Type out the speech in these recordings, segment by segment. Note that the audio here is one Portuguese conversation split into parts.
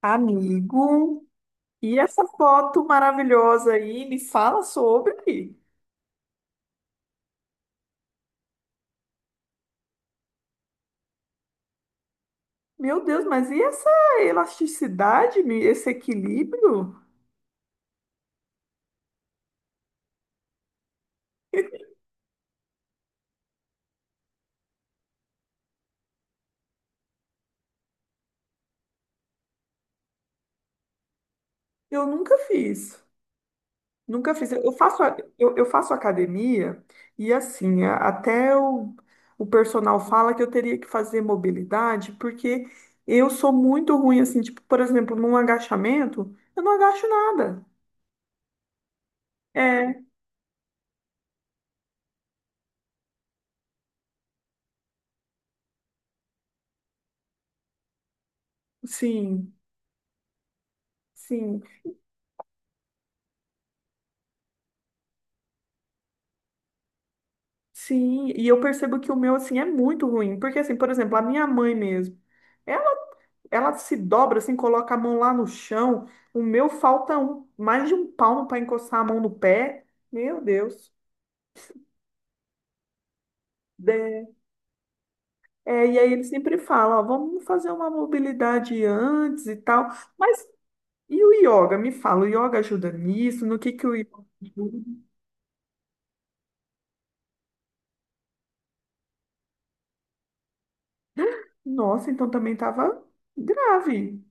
Amigo, e essa foto maravilhosa aí, me fala sobre. Meu Deus, mas e essa elasticidade, esse equilíbrio? Eu nunca fiz. Nunca fiz. Eu faço, eu faço academia e assim, até o personal fala que eu teria que fazer mobilidade, porque eu sou muito ruim, assim, tipo, por exemplo, num agachamento, eu não agacho nada. É, sim, sim. Sim, e eu percebo que o meu, assim, é muito ruim. Porque, assim, por exemplo, a minha mãe mesmo, ela, ela se dobra, assim, coloca a mão lá no chão. O meu falta um, mais de um palmo para encostar a mão no pé. Meu Deus. É, é, e aí ele sempre fala, ó, vamos fazer uma mobilidade antes e tal. Mas e o yoga? Me fala, o yoga ajuda nisso? No que o yoga ajuda? Nossa, então também tava grave.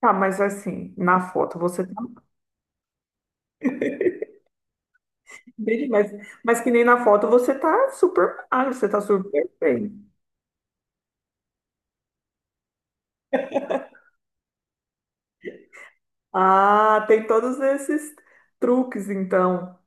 Tá, mas assim, na foto você tá. Entendi, mas que nem na foto você tá super magro, você tá super bem. Ah, tem todos esses truques, então.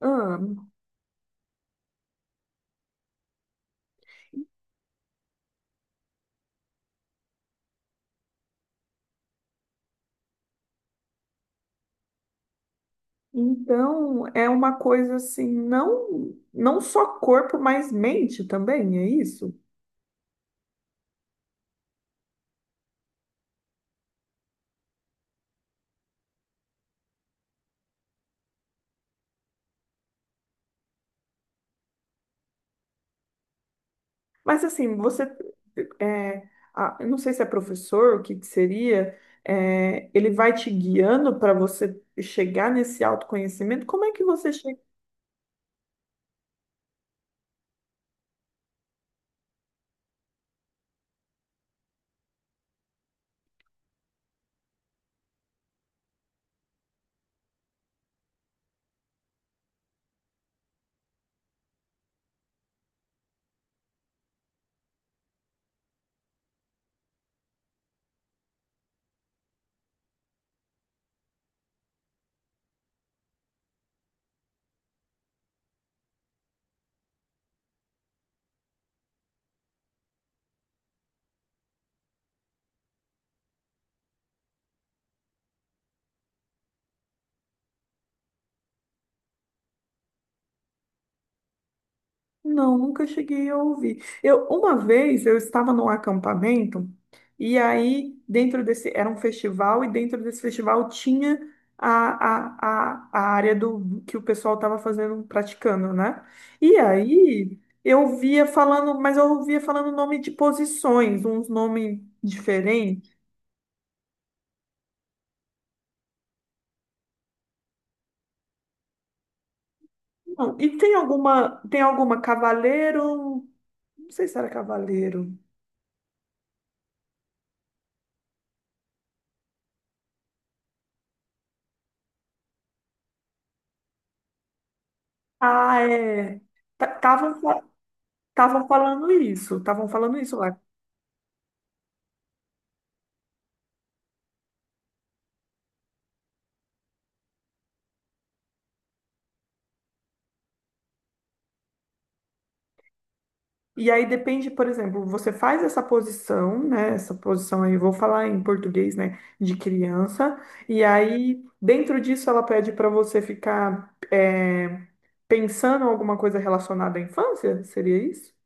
Ah, então é uma coisa assim, não, não só corpo, mas mente também, é isso? Mas assim, você, é, ah, eu não sei se é professor, o que que seria, é, ele vai te guiando para você chegar nesse autoconhecimento. Como é que você chega? Não, nunca cheguei a ouvir. Eu, uma vez eu estava num acampamento e aí dentro desse era um festival e dentro desse festival tinha a área do que o pessoal estava fazendo, praticando, né? E aí eu via falando, mas eu ouvia falando nome de posições, uns nomes diferentes. Não, e tem alguma cavaleiro, não sei se era cavaleiro. Ah, é. Estavam estavam falando isso lá. E aí depende, por exemplo, você faz essa posição, né? Essa posição aí, vou falar em português, né? De criança. E aí, dentro disso, ela pede para você ficar é, pensando alguma coisa relacionada à infância? Seria isso?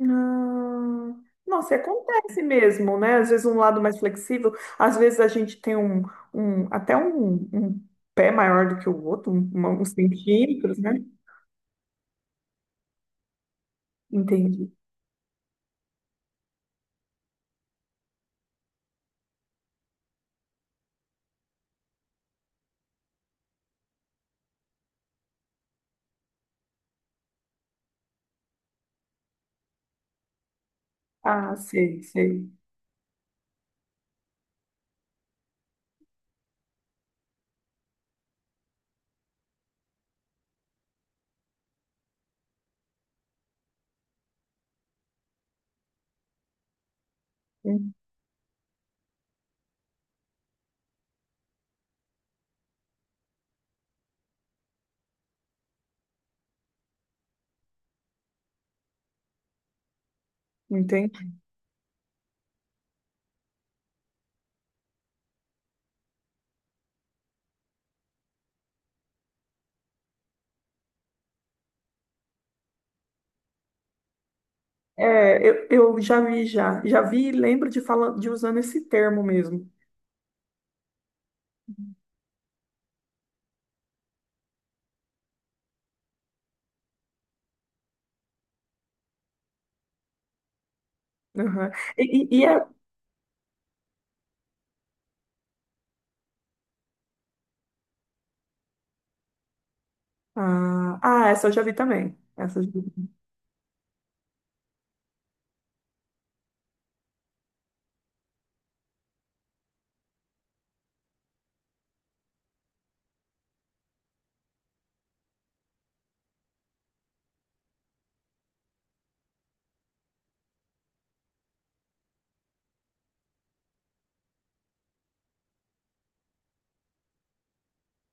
Ah, nossa, e acontece mesmo, né? Às vezes um lado mais flexível, às vezes a gente tem um, um até um, um pé maior do que o outro, uns centímetros, né? Entendi. Ah, sei, sei. Hum, Entendi. É, eu já vi, já. Já vi e lembro de, fala, de usando esse termo mesmo. Aham. E, e, e é- ah, ah, essa eu já vi também. Essa eu já vi.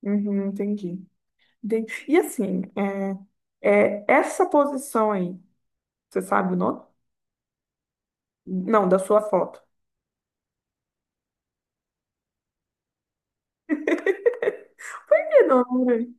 Uhum, entendi. E assim, é, é, essa posição aí, você sabe o nome? Não, da sua foto. Que nome?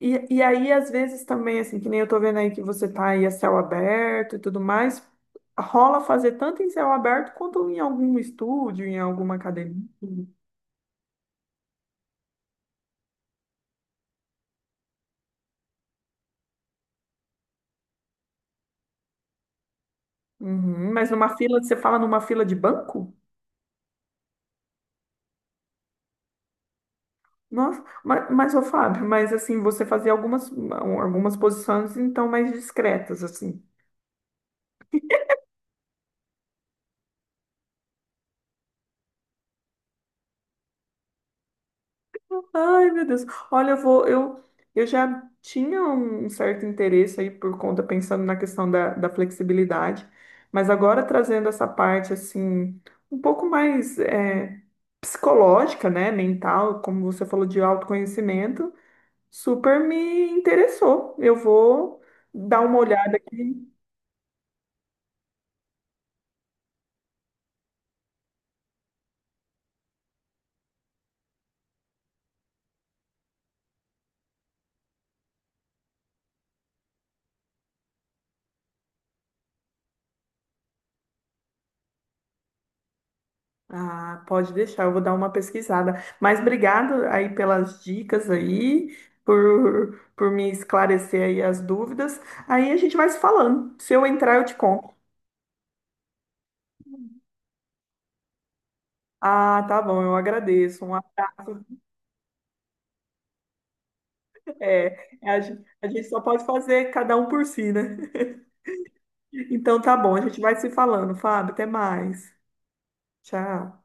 E aí, às vezes também, assim, que nem eu tô vendo aí que você tá aí a céu aberto e tudo mais, rola fazer tanto em céu aberto quanto em algum estúdio, em alguma academia. Uhum, mas numa fila, você fala numa fila de banco? Nossa, mas ô Fábio, mas assim, você fazia algumas, algumas posições então mais discretas, assim. Ai, meu Deus. Olha, eu vou, eu já tinha um certo interesse aí por conta, pensando na questão da, da flexibilidade, mas agora trazendo essa parte assim, um pouco mais é, psicológica, né, mental, como você falou, de autoconhecimento, super me interessou. Eu vou dar uma olhada aqui. Ah, pode deixar, eu vou dar uma pesquisada. Mas obrigado aí pelas dicas aí, por me esclarecer aí as dúvidas. Aí a gente vai se falando. Se eu entrar, eu te conto. Ah, tá bom, eu agradeço. Um abraço. É, é, a gente só pode fazer cada um por si, né? Então tá bom, a gente vai se falando, Fábio. Até mais. Tchau.